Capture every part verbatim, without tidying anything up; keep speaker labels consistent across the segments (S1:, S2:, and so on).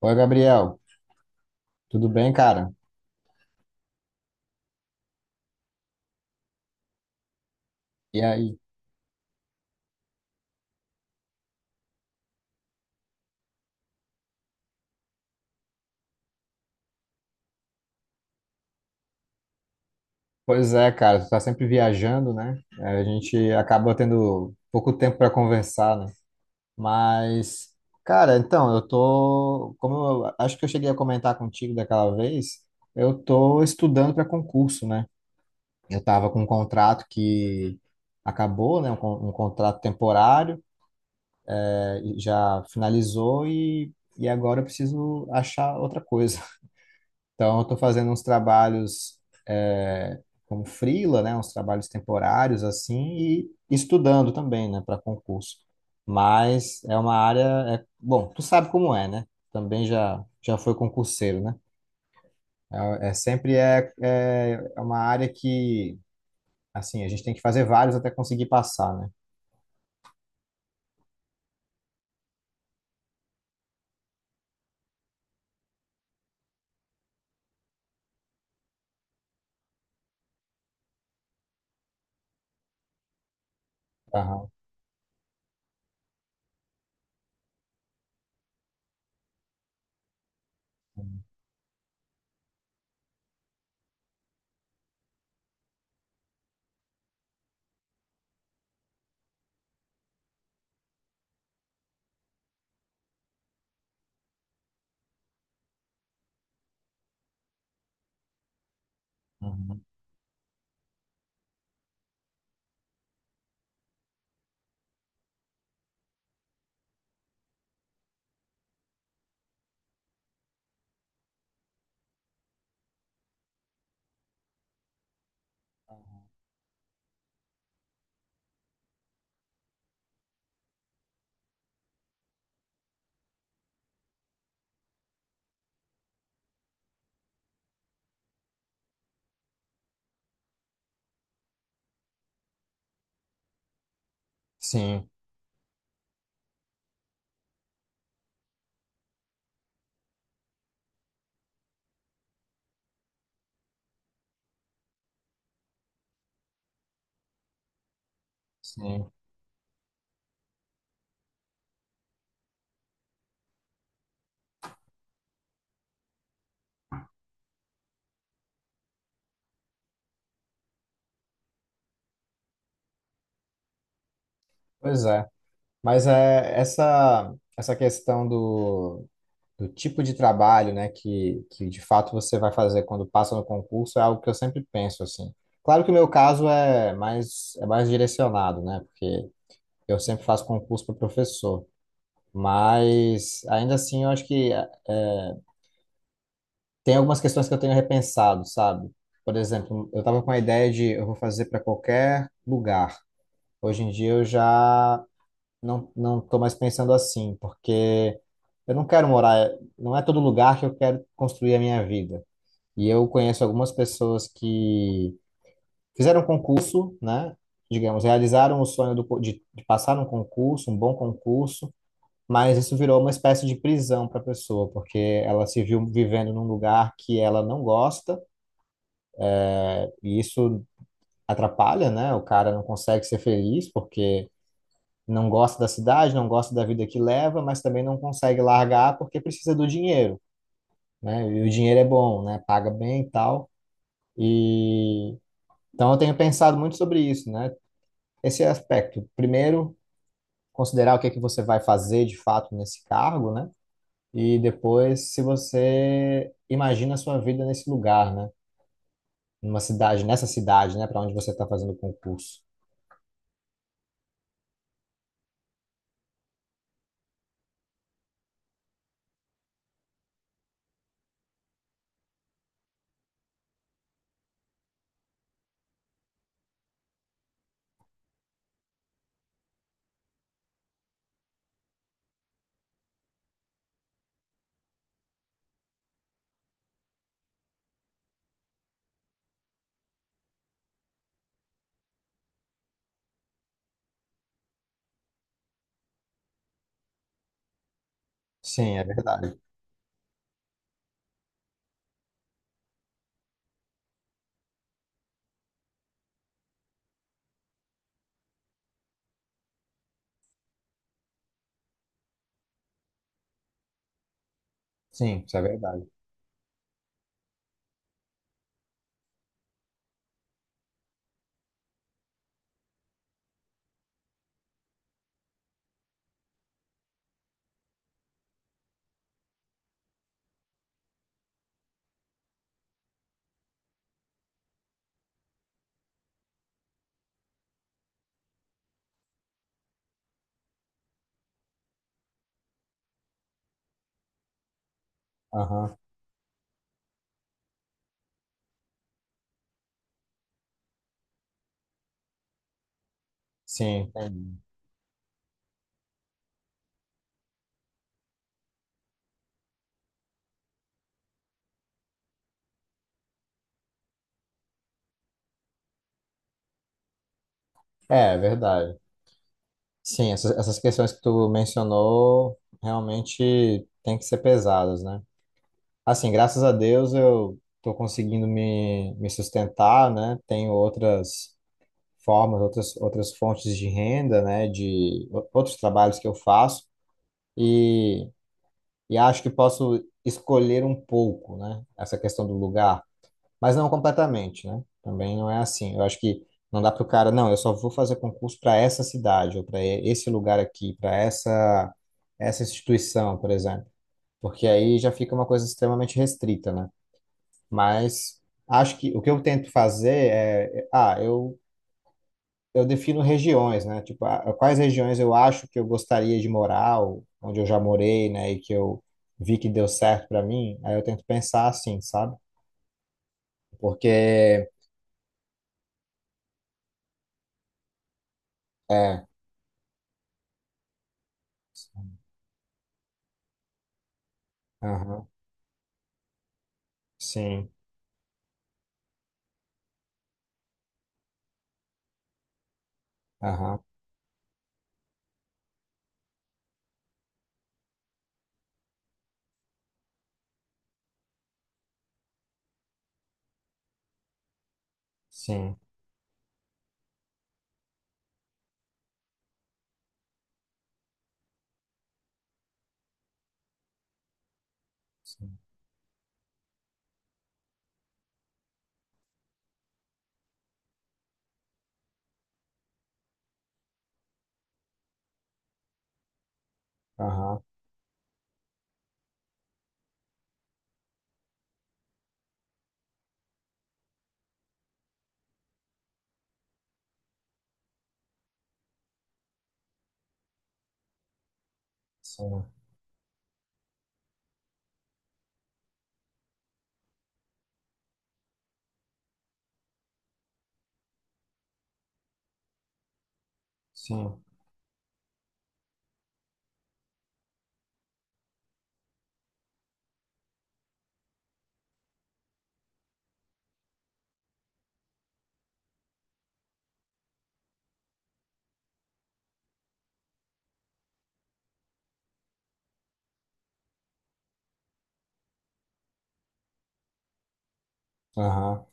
S1: Oi, Gabriel, tudo bem, cara? E aí? Pois é, cara, tu tá sempre viajando, né? É, a gente acaba tendo pouco tempo para conversar, né? Mas, cara, então, eu tô, como eu acho que eu cheguei a comentar contigo daquela vez, eu tô estudando para concurso, né? Eu tava com um contrato que acabou, né? Um, con- um contrato temporário, eh, e já finalizou e, e agora eu preciso achar outra coisa. Então, eu estou fazendo uns trabalhos é, como freela, né, uns trabalhos temporários assim e estudando também, né, para concurso. Mas é uma área, é, bom, tu sabe como é, né? Também já já foi concurseiro, né? É, é sempre é, é é uma área que assim a gente tem que fazer vários até conseguir passar, né? Aham. Uhum. Sim, sim. Pois é. Mas é, essa, essa questão do, do tipo de trabalho, né, que, que de fato você vai fazer quando passa no concurso é algo que eu sempre penso, assim. Claro que o meu caso é mais, é mais direcionado, né, porque eu sempre faço concurso para professor, mas ainda assim eu acho que eh, tem algumas questões que eu tenho repensado, sabe? Por exemplo, eu estava com a ideia de eu vou fazer para qualquer lugar. Hoje em dia eu já não, não estou mais pensando assim, porque. Eu não quero morar, não é todo lugar que eu quero construir a minha vida. E eu conheço algumas pessoas que fizeram um concurso, né? Digamos, realizaram o sonho do co- de, de passar num concurso, um bom concurso, mas isso virou uma espécie de prisão para a pessoa, porque ela se viu vivendo num lugar que ela não gosta, e isso atrapalha, né? O cara não consegue ser feliz porque não gosta da cidade, não gosta da vida que leva, mas também não consegue largar porque precisa do dinheiro, né? E o dinheiro é bom, né? Paga bem e tal. E então eu tenho pensado muito sobre isso, né? Esse aspecto. Primeiro, considerar o que é que você vai fazer de fato nesse cargo, né? E depois, se você imagina a sua vida nesse lugar, né? Numa cidade, nessa cidade, né? Para onde você está fazendo o concurso. Sim, é verdade. Sim, isso é verdade. Aham. Sim, entendi. É, é verdade. Sim, essas, essas questões que tu mencionou realmente têm que ser pesadas, né? Assim, graças a Deus eu estou conseguindo me, me sustentar, né? Tenho outras formas, outras, outras fontes de renda, né? De o- outros trabalhos que eu faço e, e acho que posso escolher um pouco, né? Essa questão do lugar, mas não completamente, né? Também não é assim. Eu acho que não dá para o cara, não, eu só vou fazer concurso para essa cidade ou para esse lugar aqui, para essa, essa instituição, por exemplo, porque aí já fica uma coisa extremamente restrita, né? Mas acho que o que eu tento fazer é, é, ah, eu, eu defino regiões, né? Tipo, ah, quais regiões eu acho que eu gostaria de morar, ou onde eu já morei, né? E que eu vi que deu certo para mim. Aí eu tento pensar assim, sabe? Porque, é, aham, sim, aham, sim, sim, aham, sim, sim, aham.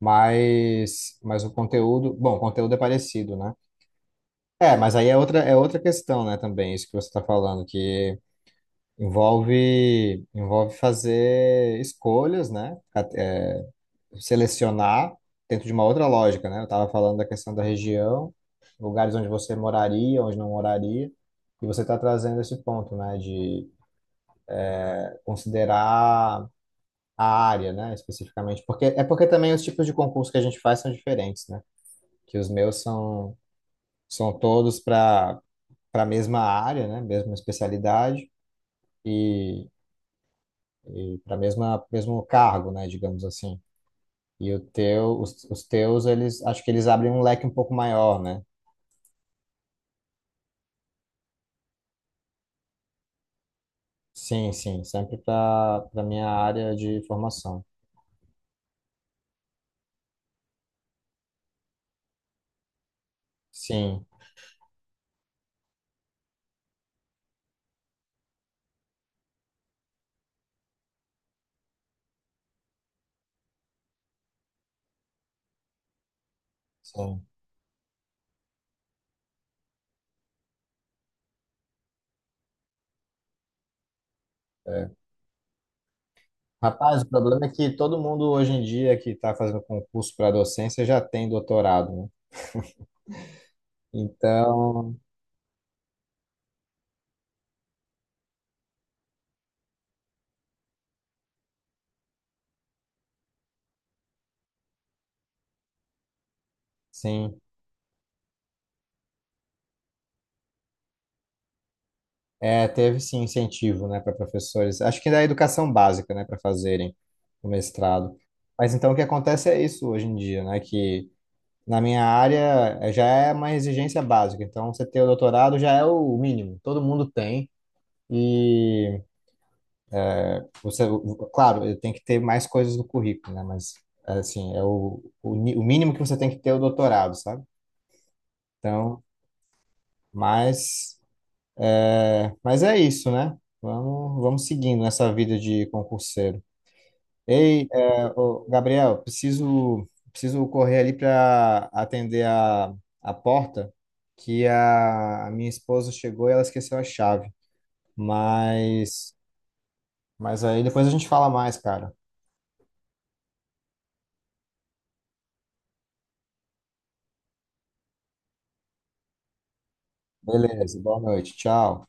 S1: Mas, mas o conteúdo, bom, o conteúdo é parecido, né? É, mas aí é outra, é outra questão, né, também, isso que você está falando, que envolve, envolve fazer escolhas, né? Ca- é, selecionar dentro de uma outra lógica, né? Eu estava falando da questão da região, lugares onde você moraria, onde não moraria, e você está trazendo esse ponto, né? De considerar a área, né? Especificamente, porque é porque também os tipos de concurso que a gente faz são diferentes, né? Que os meus são são todos para para a mesma área, né? Mesma especialidade. E para mesma mesmo cargo, né, digamos assim. E o teu, os, os teus, eles acho que eles abrem um leque um pouco maior, né? Sim, sim, sempre para para minha área de formação. Sim, sim. É. Rapaz, o problema é que todo mundo hoje em dia que está fazendo concurso para docência já tem doutorado, né? Então, sim, é, teve sim incentivo, né, para professores. Acho que da educação básica, né, para fazerem o mestrado. Mas então o que acontece é isso hoje em dia, né, que na minha área eh, já é uma exigência básica, então você ter o doutorado já é o mínimo, todo mundo tem. E você, claro, tem que ter mais coisas no currículo, né? Mas assim, é o, o, ni- o mínimo que você tem que ter é o doutorado, sabe? Então, mas é, mas é isso, né? Vamos, vamos seguindo nessa vida de concurseiro. Ei, é, ô, Gabriel, preciso preciso correr ali para atender a, a porta, que a, a minha esposa chegou e ela esqueceu a chave. Mas mas aí depois a gente fala mais, cara. Beleza, boa noite, tchau.